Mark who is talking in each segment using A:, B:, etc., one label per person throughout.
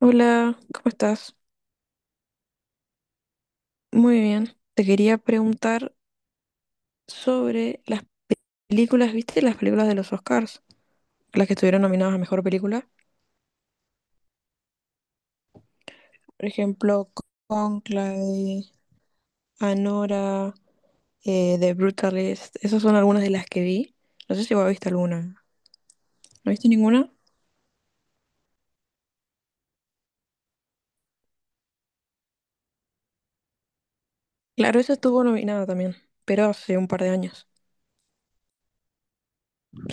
A: Hola, ¿cómo estás? Muy bien. Te quería preguntar sobre las películas, ¿viste? Las películas de los Oscars, las que estuvieron nominadas a mejor película. Por ejemplo, Conclave, Anora, The Brutalist. Esas son algunas de las que vi. No sé si vos viste alguna. ¿No viste ninguna? Claro, esa estuvo nominada también, pero hace un par de años.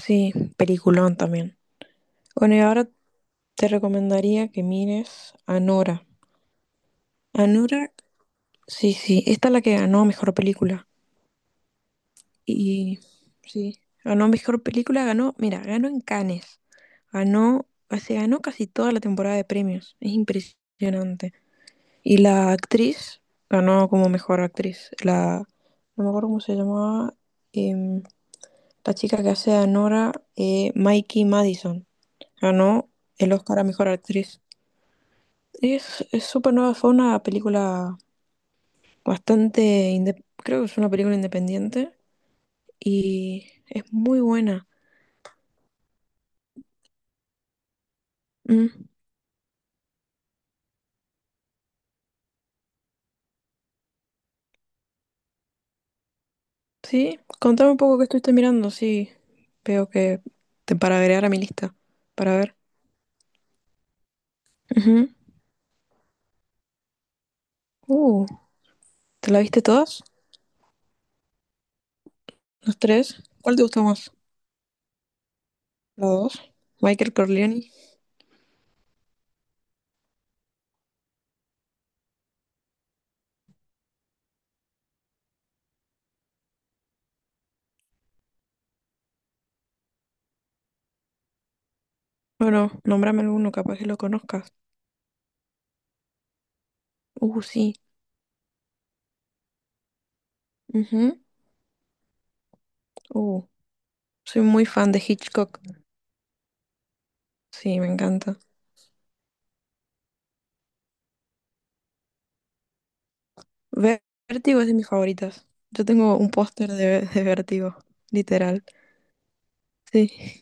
A: Sí, peliculón también. Bueno, y ahora te recomendaría que mires Anora. Anora. Sí, sí, esta es la que ganó mejor película. Y sí, ganó mejor película, ganó, mira, ganó en Cannes. Ganó, se ganó casi toda la temporada de premios. Es impresionante. Y la actriz ganó como mejor actriz. La, no me acuerdo cómo se llamaba, em, la chica que hace a Nora, Mikey Madison. Ganó el Oscar a mejor actriz. Es súper nueva, fue una película bastante, creo que es una película independiente y es muy buena. Mm, Sí, contame un poco qué estuviste mirando, sí. Veo que te para agregar a mi lista, para ver. Ujú. Uh, ¿Te la viste todas? ¿Los tres? ¿Cuál te gustó más? ¿La dos? Michael Corleone. Bueno, nómbrame alguno, capaz que lo conozcas. Sí. Ujú. Uh, soy muy fan de Hitchcock. Sí, me encanta. Ver- Vértigo es de mis favoritas. Yo tengo un póster de Vértigo, literal. Sí.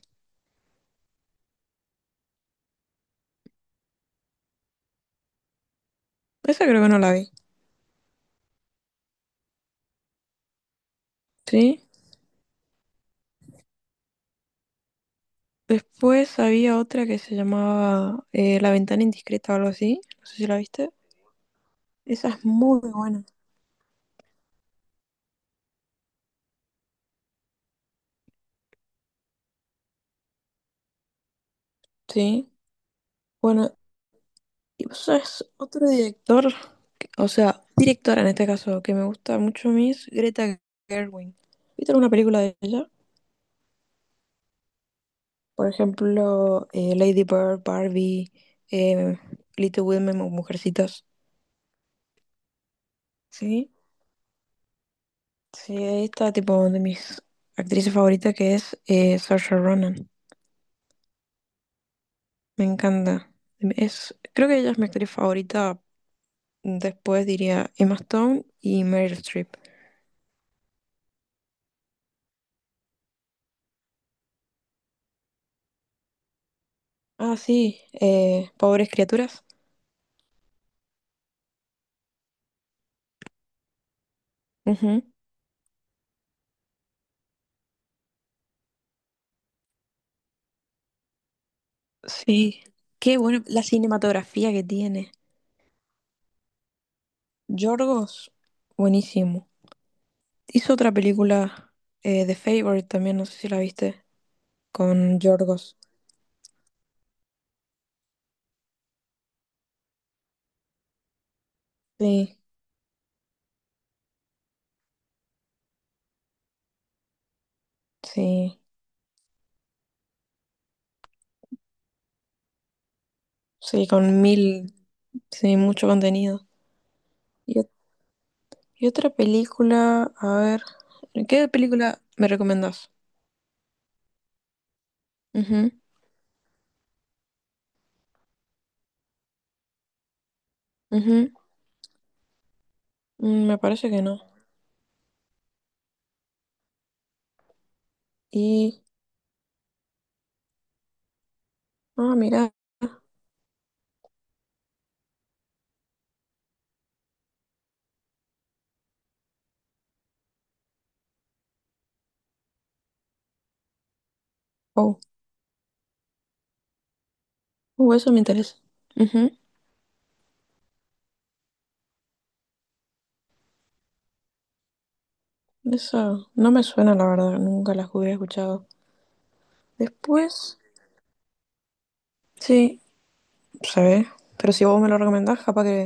A: Esa creo que no la vi. ¿Sí? Después había otra que se llamaba La ventana indiscreta o algo así. No sé si la viste. Esa es muy buena. Sí. Bueno, y vos sabés, otro director, o sea, directora en este caso, que me gusta mucho a mí es Greta Gerwig. ¿Viste alguna película de ella? Por ejemplo, Lady Bird, Barbie, eh, Little Women o Mujercitas. Sí. Sí, ahí está tipo de mis actrices favoritas que es Saoirse Ronan. Me encanta. Es, creo que ella es mi actriz favorita. Después diría Emma Stone y Meryl Streep. Ah, sí, Pobres Criaturas. Ujú. Sí, qué bueno la cinematografía que tiene. Yorgos, buenísimo. Hizo otra película, The Favorite también, no sé si la viste, con Yorgos. Sí, sí, sí, con mil, sí, mucho contenido. Y, y otra película, a ver, ¿qué película me recomendás? Ujú, ujú. Mm, me parece que no. Y, ah, mira, oh, eso me interesa. Ujú. Eso no me suena, la verdad, nunca las hubiera escuchado. Después, sí, se ve, pero si vos me lo recomendás, capaz que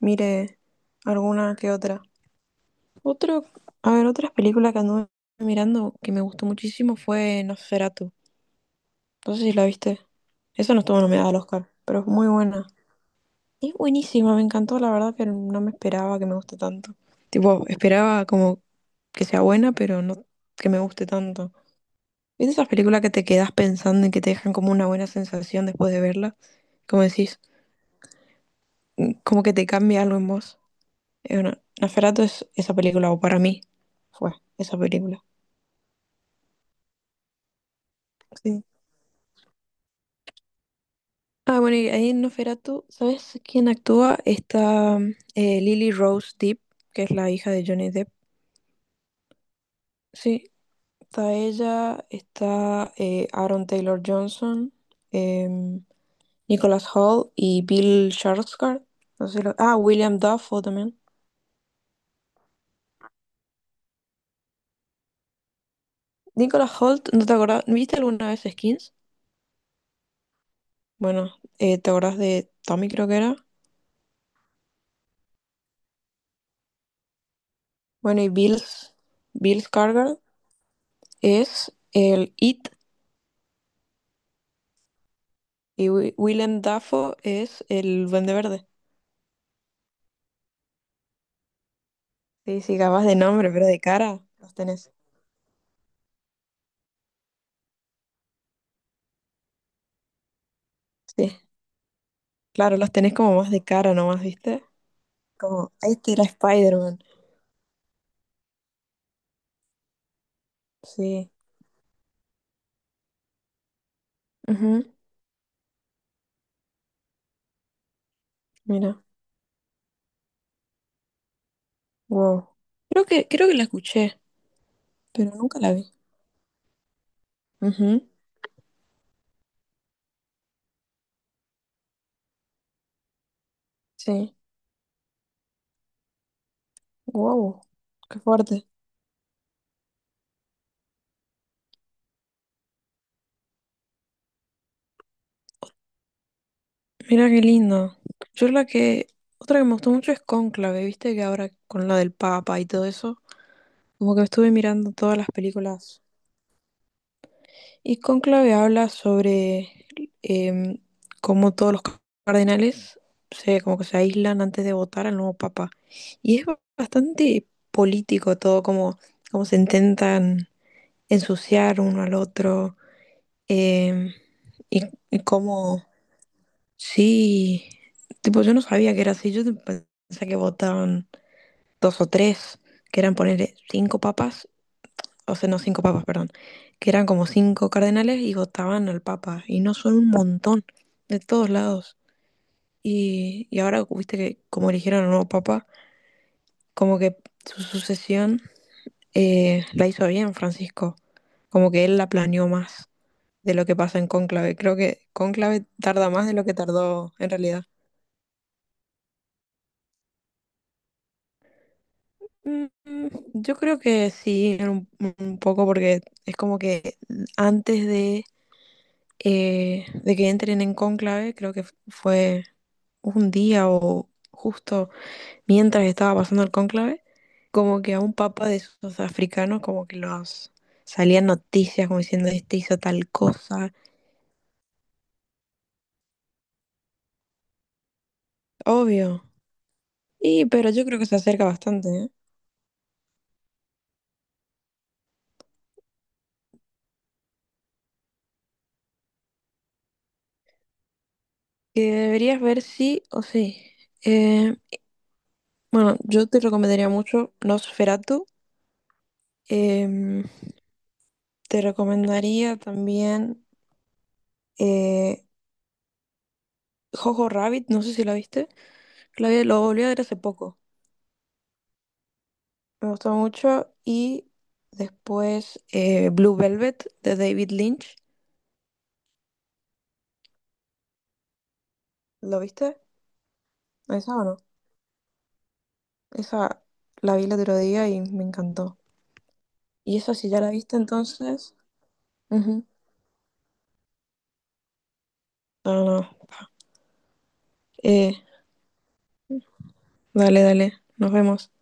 A: mire alguna que otra. Otro, a ver, otras películas que anduve mirando que me gustó muchísimo fue Nosferatu. No sé si la viste. Esa no estuvo nominada al Oscar, pero es muy buena. Es buenísima, me encantó, la verdad, pero no me esperaba que me guste tanto. Tipo, esperaba como que sea buena, pero no que me guste tanto. ¿Viste esas películas que te quedas pensando y que te dejan como una buena sensación después de verla? Como decís, como que te cambia algo en vos. Bueno, Nosferatu es esa película, o para mí fue esa película. Sí. Ah, bueno, y ahí en Nosferatu, ¿sabes quién actúa? Está Lily Rose Depp, que es la hija de Johnny Depp. Sí, está ella, está Aaron Taylor Johnson, em, Nicholas Hoult y Bill Skarsgård. No sé si lo- Ah, William Dafoe también. Nicholas Hoult, ¿no te acordás? ¿No ¿Viste alguna vez Skins? Bueno, ¿te acordás de Tommy, creo que era? Bueno, Bill Skarsgård es el It y William Dafoe es el Duende Verde. Sí, sí, capaz de nombre, pero de cara los tenés. Sí, claro, los tenés como más de cara nomás, ¿viste? Como, este era Spider-Man. Sí. Ujú. Mira. Wow. Creo que la escuché, pero nunca la vi. Ujú. Sí. Wow. Qué fuerte. Mira qué lindo. Yo la que. Otra que me gustó mucho es Cónclave. Viste que ahora con la del Papa y todo eso. Como que estuve mirando todas las películas. Y Cónclave habla sobre em, cómo todos los cardenales se, como que se aíslan antes de votar al nuevo Papa. Y es bastante político todo, como, como se intentan ensuciar uno al otro. em, y, y como, sí, tipo, yo no sabía que era así. Yo pensé que votaban dos o tres, que eran ponerle cinco papas, o sea, no cinco papas, perdón, que eran como cinco cardenales y votaban al papa. Y no son un montón, de todos lados. Y ahora, viste que como eligieron al nuevo papa, como que su sucesión la hizo bien Francisco, como que él la planeó más de lo que pasa en Cónclave. Creo que Cónclave tarda más de lo que tardó en realidad. Mm, mm, Yo creo que sí, un poco porque es como que antes de que entren en Cónclave, creo que fue un día o justo mientras estaba pasando el cónclave, como que a un papa de esos africanos, como que los salían noticias como diciendo este hizo tal cosa, obvio. Y pero yo creo que se acerca bastante, ¿eh? Que deberías ver sí o sí. Eh, bueno, yo te recomendaría mucho Nosferatu. Em, te recomendaría también eh, Jojo Rabbit, no sé si la viste. Lo volví a ver hace poco. Me gustó mucho. Y después Blue Velvet de David Lynch. ¿Lo viste? ¿Esa o no? Esa la vi el otro día y me encantó. Y esa si ya la viste entonces. Ujú. No, no, no. Eh, dale, dale. Nos vemos.